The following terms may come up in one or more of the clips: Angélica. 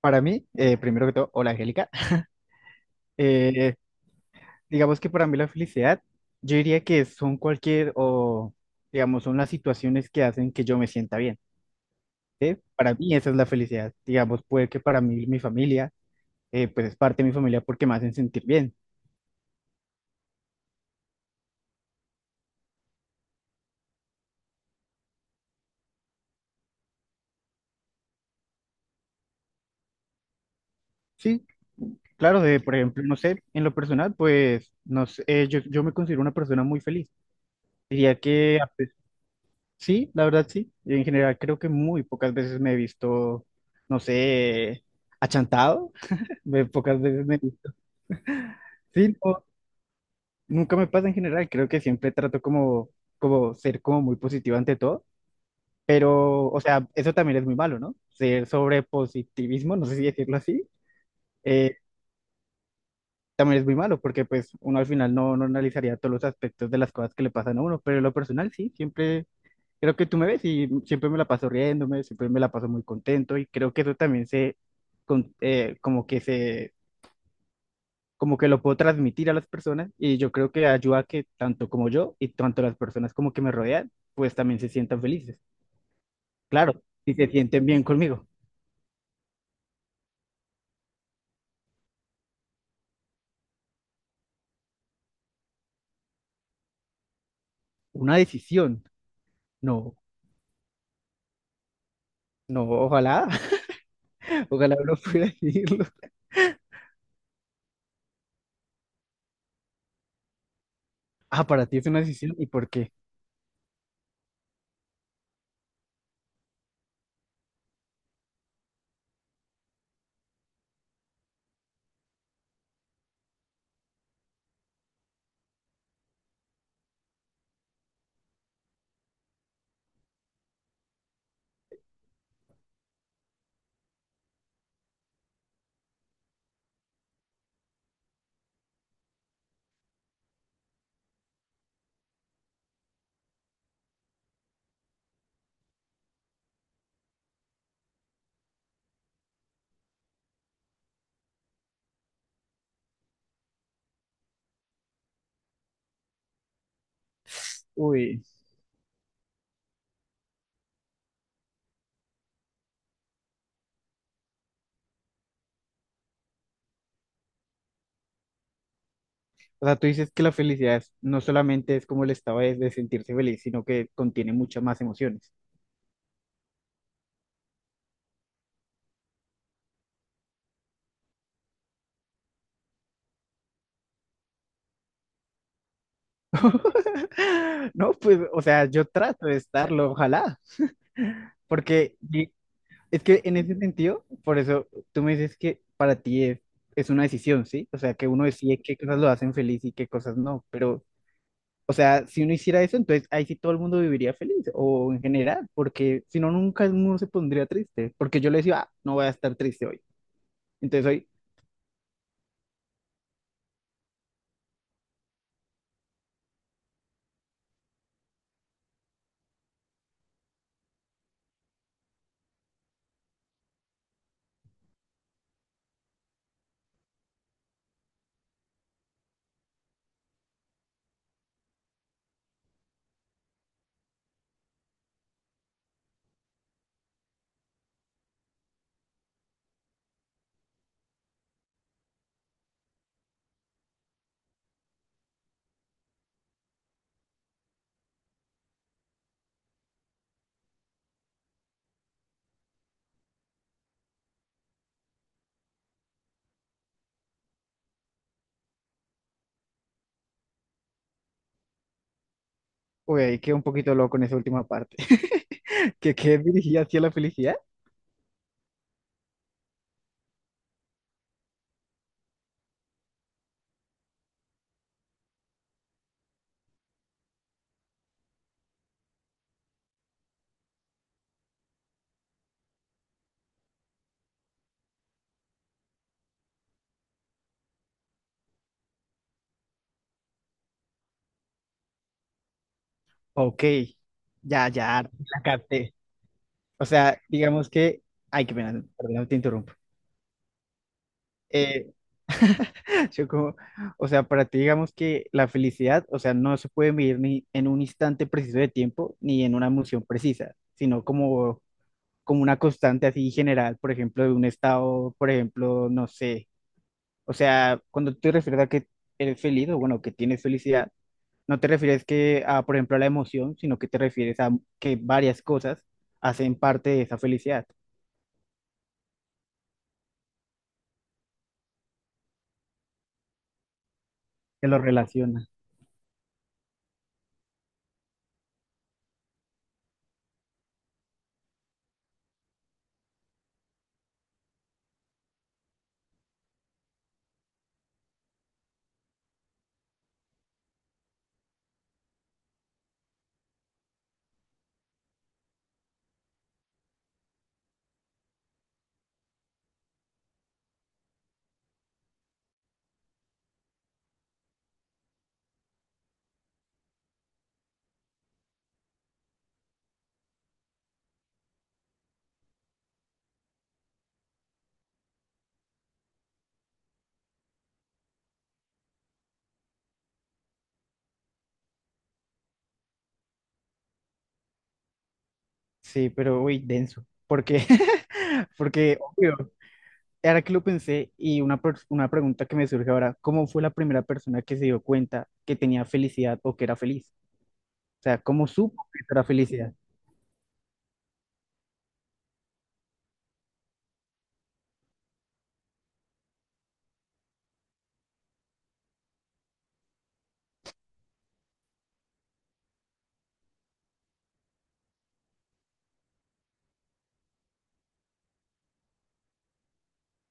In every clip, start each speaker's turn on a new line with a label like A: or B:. A: Para mí, primero que todo, hola Angélica. Eh, digamos que para mí la felicidad, yo diría que son cualquier o, digamos, son las situaciones que hacen que yo me sienta bien, ¿sí? Para mí esa es la felicidad. Digamos, puede que para mí mi familia, pues es parte de mi familia porque me hacen sentir bien. Sí, claro, de, por ejemplo, no sé, en lo personal, pues, no sé, yo me considero una persona muy feliz. Diría que sí, la verdad sí. En general creo que muy pocas veces me he visto, no sé, achantado ve pocas veces me... Sí, no, nunca me pasa en general, creo que siempre trato como, como ser como muy positivo ante todo, pero, o sea, eso también es muy malo, ¿no? Ser sobre positivismo, no sé si decirlo así, eh, también es muy malo, porque pues uno al final no analizaría todos los aspectos de las cosas que le pasan a uno, pero en lo personal sí, siempre, creo que tú me ves y siempre me la paso riéndome, siempre me la paso muy contento y creo que eso también se, con- eh, como que como que lo puedo transmitir a las personas y yo creo que ayuda a que tanto como yo y tanto las personas como que me rodean, pues también se sientan felices. Claro, si se sienten bien conmigo. Una decisión. No, no, ojalá, ojalá uno pudiera decirlo. Ah, para ti es una decisión. ¿Y por qué? Uy, o sea, tú dices que la felicidad es- no solamente es como el estado de sentirse feliz, sino que contiene muchas más emociones. No, pues, o sea, yo trato de estarlo, ojalá, porque es que en ese sentido, por eso tú me dices que para ti es una decisión, ¿sí? O sea, que uno decide qué cosas lo hacen feliz y qué cosas no, pero, o sea, si uno hiciera eso, entonces ahí sí todo el mundo viviría feliz, o en general, porque si no, nunca uno se pondría triste, porque yo le decía, ah, no voy a estar triste hoy. Entonces hoy, ahí quedé un poquito loco en esa última parte, que quedé dirigida hacia la felicidad. Ok, ya, ya, la capté. O sea, digamos que, ay, qué pena, perdón, te interrumpo. Eh, Yo como, o sea, para ti digamos que la felicidad, o sea, no se puede medir ni en un instante preciso de tiempo ni en una emoción precisa, sino como, como una constante así general, por ejemplo, de un estado, por ejemplo, no sé, o sea, cuando tú te refieres a que eres feliz o bueno, que tienes felicidad, no te refieres que a, por ejemplo, a la emoción, sino que te refieres a que varias cosas hacen parte de esa felicidad, que lo relaciona. Sí, pero uy, denso, porque, porque, obvio. Ahora que lo pensé, y una, una pregunta que me surge ahora, ¿cómo fue la primera persona que se dio cuenta que tenía felicidad o que era feliz? O sea, ¿cómo supo que era felicidad?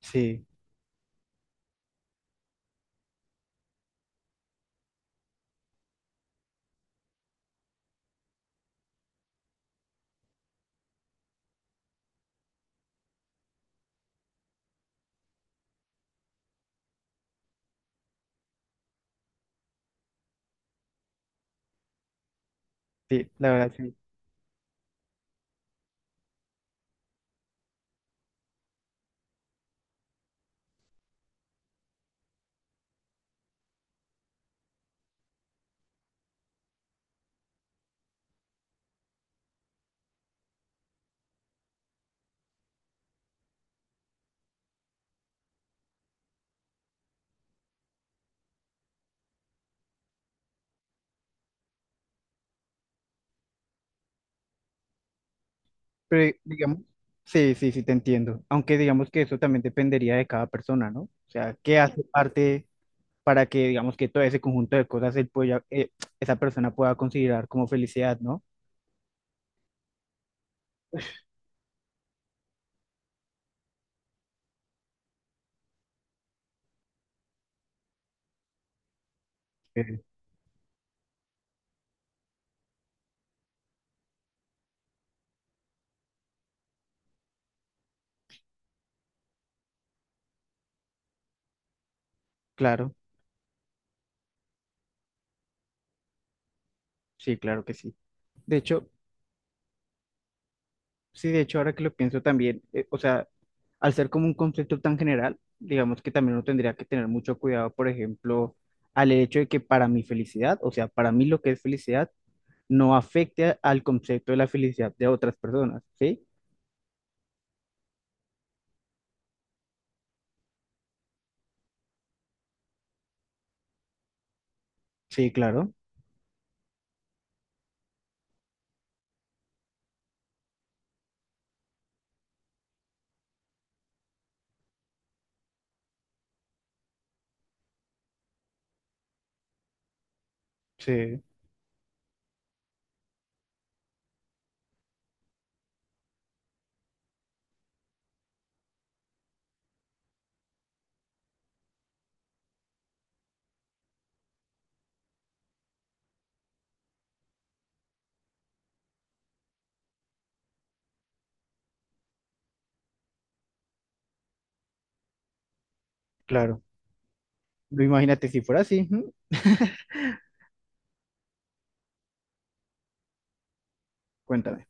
A: Sí, sí, la verdad sí. Pero digamos, Sí, te entiendo. Aunque digamos que eso también dependería de cada persona, ¿no? O sea, ¿qué hace parte para que digamos que todo ese conjunto de cosas él pueda, esa persona pueda considerar como felicidad, ¿no? Eh, claro, sí, claro que sí. De hecho, sí, de hecho, ahora que lo pienso también, o sea, al ser como un concepto tan general, digamos que también uno tendría que tener mucho cuidado, por ejemplo, al hecho de que para mi felicidad, o sea, para mí lo que es felicidad, no afecte al concepto de la felicidad de otras personas, ¿sí? Sí, claro, sí, claro. Lo imagínate si fuera así, ujú. Cuéntame.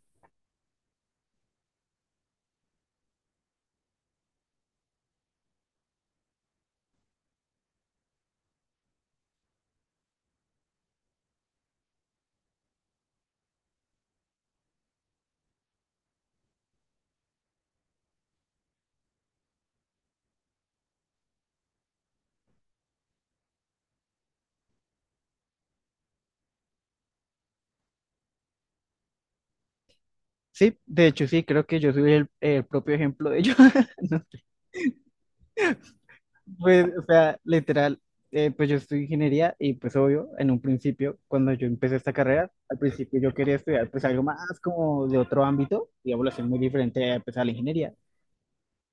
A: Sí, de hecho sí, creo que yo soy el propio ejemplo de ello. Pues, o sea, literal, pues yo estudio ingeniería y pues obvio, en un principio, cuando yo empecé esta carrera, al principio yo quería estudiar pues algo más como de otro ámbito, digamos así, muy diferente pues, a la ingeniería.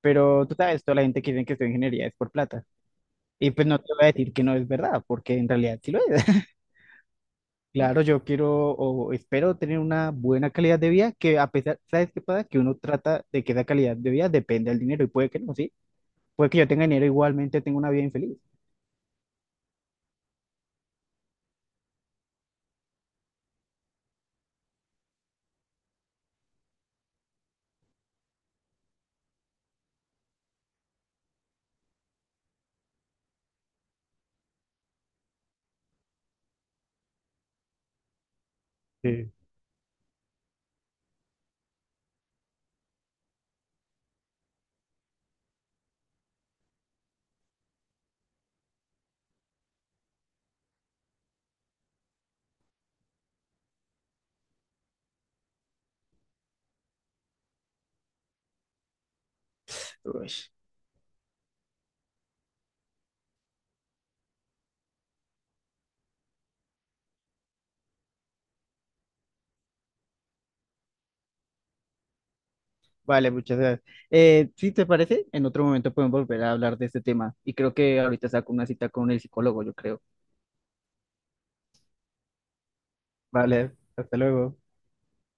A: Pero tú sabes, toda la gente que dice que estudia ingeniería es por plata. Y pues no te voy a decir que no es verdad, porque en realidad sí lo es. Claro, yo quiero o espero tener una buena calidad de vida, que a pesar, ¿sabes qué pasa? Que uno trata de que esa calidad de vida depende del dinero y puede que no, ¿sí? Puede que yo tenga dinero, igualmente tengo una vida infeliz. Sí. Uy. Vale, muchas gracias. Si te parece, en otro momento podemos volver a hablar de este tema. Y creo que ahorita saco una cita con el psicólogo, yo creo. Vale, hasta luego.